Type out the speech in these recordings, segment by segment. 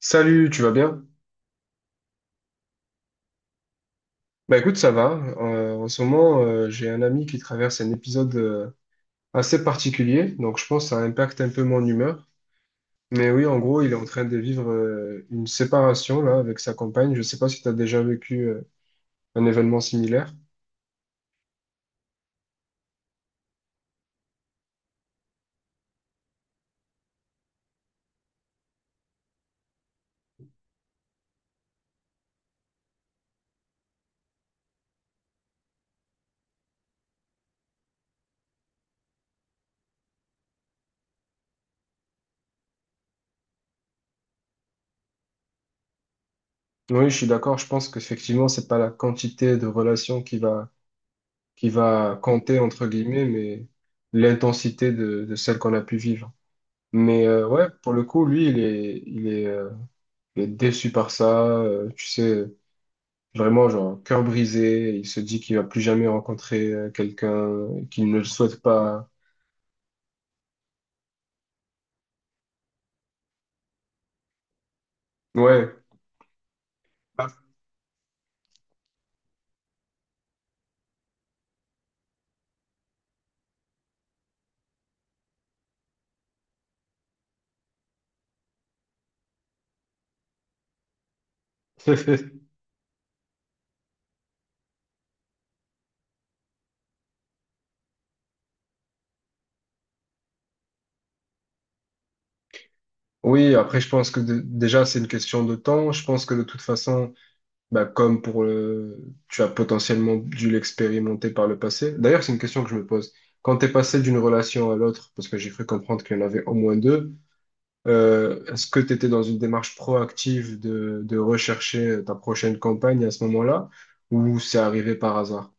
Salut, tu vas bien? Bah écoute, ça va. En ce moment, j'ai un ami qui traverse un épisode assez particulier, donc je pense que ça impacte un peu mon humeur. Mais oui, en gros, il est en train de vivre une séparation là avec sa compagne. Je sais pas si tu as déjà vécu un événement similaire. Oui, je suis d'accord. Je pense qu'effectivement, c'est pas la quantité de relations qui va compter entre guillemets, mais l'intensité de celle qu'on a pu vivre. Mais ouais, pour le coup, lui, il est déçu par ça, tu sais, vraiment, genre, cœur brisé. Il se dit qu'il va plus jamais rencontrer quelqu'un qu'il ne le souhaite pas. Ouais. Ah. Oui, après, je pense que déjà, c'est une question de temps. Je pense que de toute façon, bah, tu as potentiellement dû l'expérimenter par le passé. D'ailleurs, c'est une question que je me pose. Quand t'es passé d'une relation à l'autre, parce que j'ai cru comprendre qu'il y en avait au moins deux, est-ce que tu étais dans une démarche proactive de rechercher ta prochaine campagne à ce moment-là, ou c'est arrivé par hasard?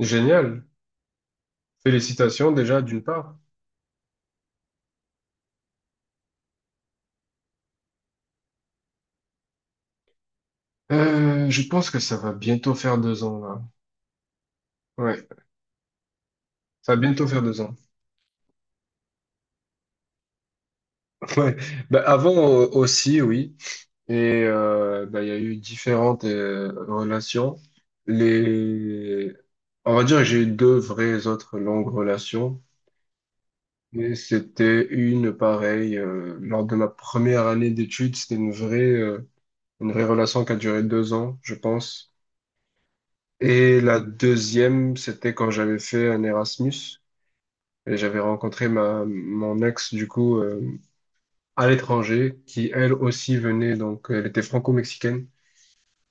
Génial. Félicitations déjà d'une part. Je pense que ça va bientôt faire 2 ans là. Ouais, ça va bientôt faire deux ans. Ouais. Bah, avant aussi, oui. Et bah, il y a eu différentes relations. Les, on va dire que j'ai eu deux vraies autres longues relations. Et c'était une pareille lors de ma première année d'études, c'était une vraie relation qui a duré 2 ans, je pense. Et la deuxième, c'était quand j'avais fait un Erasmus et j'avais rencontré ma mon ex du coup à l'étranger, qui elle aussi venait donc elle était franco-mexicaine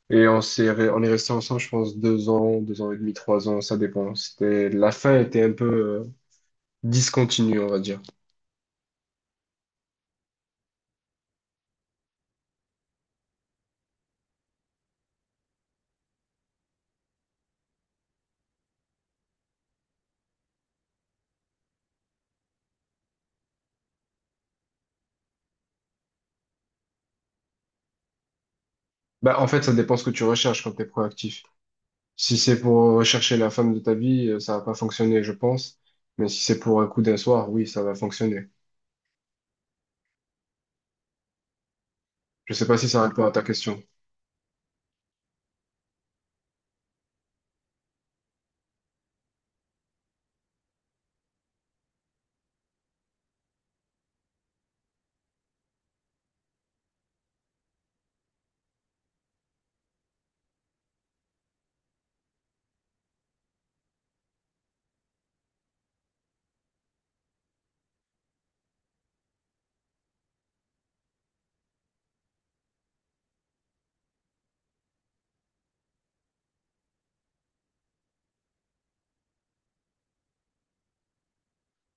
et on est resté ensemble, je pense 2 ans, 2 ans et demi, 3 ans, ça dépend. C'était la fin était un peu discontinue, on va dire. Bah en fait, ça dépend ce que tu recherches quand t'es proactif. Si c'est pour chercher la femme de ta vie, ça va pas fonctionner, je pense. Mais si c'est pour un coup d'un soir, oui, ça va fonctionner. Je sais pas si ça répond à ta question.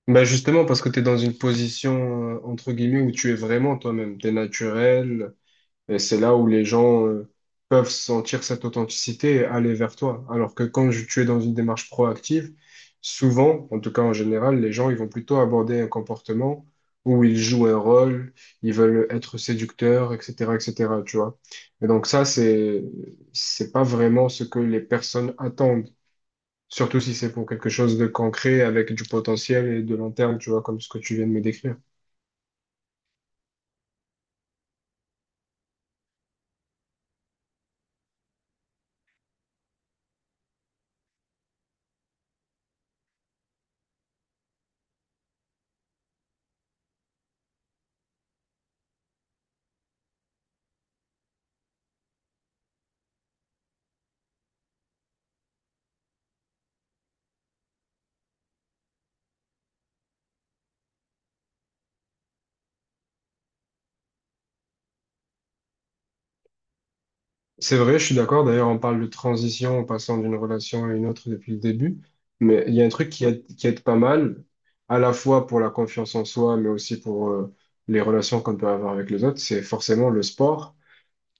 Bah justement, parce que tu es dans une position, entre guillemets, où tu es vraiment toi-même. Tu es naturel, et c'est là où les gens peuvent sentir cette authenticité et aller vers toi. Alors que tu es dans une démarche proactive, souvent, en tout cas en général, les gens ils vont plutôt aborder un comportement où ils jouent un rôle, ils veulent être séducteurs, etc., etc. Tu vois. Et donc ça, c'est pas vraiment ce que les personnes attendent. Surtout si c'est pour quelque chose de concret avec du potentiel et de long terme, tu vois, comme ce que tu viens de me décrire. C'est vrai, je suis d'accord. D'ailleurs, on parle de transition en passant d'une relation à une autre depuis le début. Mais il y a un truc qui aide pas mal, à la fois pour la confiance en soi, mais aussi pour les relations qu'on peut avoir avec les autres, c'est forcément le sport.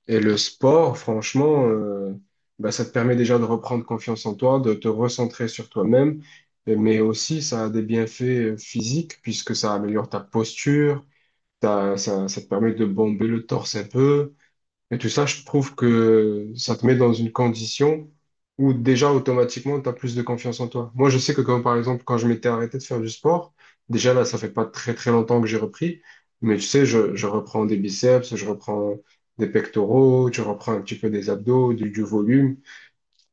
Et le sport, franchement, bah, ça te permet déjà de reprendre confiance en toi, de te recentrer sur toi-même. Mais aussi, ça a des bienfaits physiques, puisque ça améliore ta posture, ça, ça te permet de bomber le torse un peu. Et tout ça, je trouve que ça te met dans une condition où déjà automatiquement, tu as plus de confiance en toi. Moi, je sais que comme par exemple, quand je m'étais arrêté de faire du sport, déjà là, ça fait pas très très longtemps que j'ai repris, mais tu sais, je reprends des biceps, je reprends des pectoraux, je reprends un petit peu des abdos, du volume,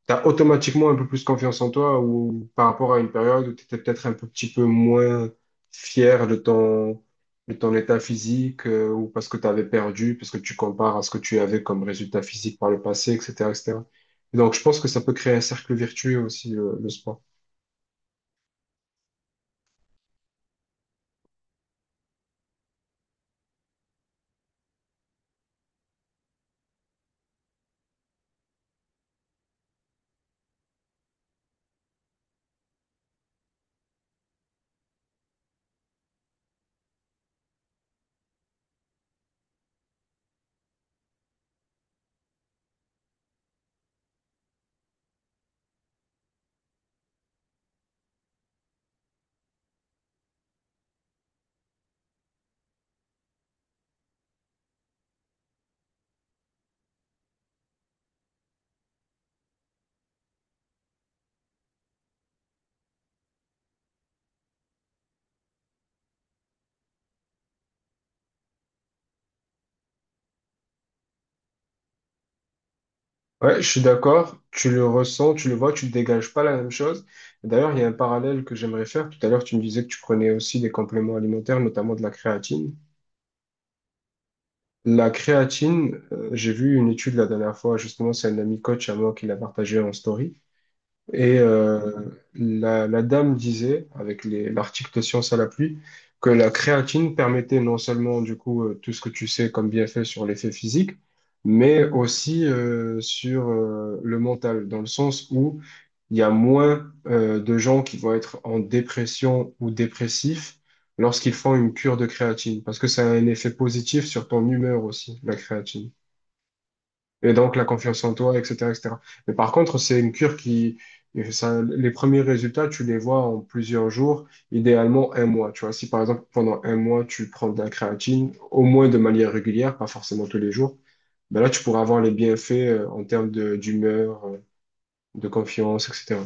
t'as automatiquement un peu plus confiance en toi ou par rapport à une période où tu étais peut-être un peu, petit peu moins fier de ton, état physique ou parce que tu avais perdu, parce que tu compares à ce que tu avais comme résultat physique par le passé, etc., etc. Et cetera. Et donc, je pense que ça peut créer un cercle vertueux aussi, le sport. Ouais, je suis d'accord. Tu le ressens, tu le vois, tu ne dégages pas la même chose. D'ailleurs, il y a un parallèle que j'aimerais faire. Tout à l'heure, tu me disais que tu prenais aussi des compléments alimentaires, notamment de la créatine. La créatine, j'ai vu une étude la dernière fois, justement, c'est un ami coach à moi qui l'a partagé en story. Et la dame disait, avec l'article de Science à la pluie, que la créatine permettait non seulement du coup tout ce que tu sais comme bienfait sur l'effet physique, mais aussi sur le mental, dans le sens où il y a moins de gens qui vont être en dépression ou dépressifs lorsqu'ils font une cure de créatine, parce que ça a un effet positif sur ton humeur aussi, la créatine. Et donc, la confiance en toi, etc., etc. Mais par contre, c'est une cure qui, ça, les premiers résultats, tu les vois en plusieurs jours, idéalement un mois. Tu vois, si par exemple, pendant un mois, tu prends de la créatine, au moins de manière régulière, pas forcément tous les jours, ben là, tu pourras avoir les bienfaits en termes d'humeur, de confiance, etc.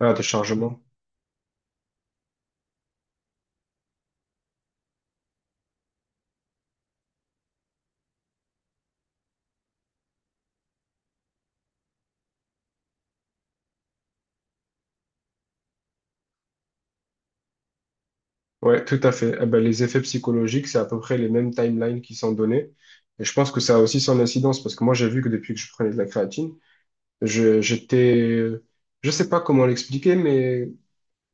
Ah, de chargement. Ouais, tout à fait. Eh ben, les effets psychologiques, c'est à peu près les mêmes timelines qui sont donnés. Et je pense que ça a aussi son incidence parce que moi, j'ai vu que depuis que je prenais de la créatine, Je, j'étais, je sais pas comment l'expliquer, mais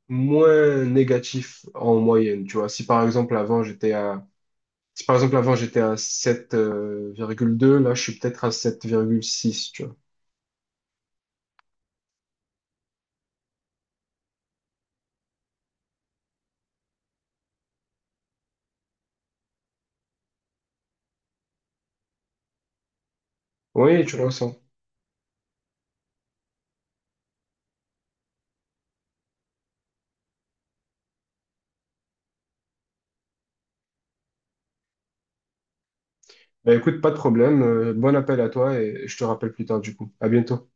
moins négatif en moyenne. Tu vois, si par exemple avant j'étais à, si par exemple avant j'étais à sept virgule deux, là je suis peut-être à 7,6, tu vois. Oui, tu le ressens. Bah, écoute, pas de problème. Bon appel à toi et je te rappelle plus tard du coup. À bientôt.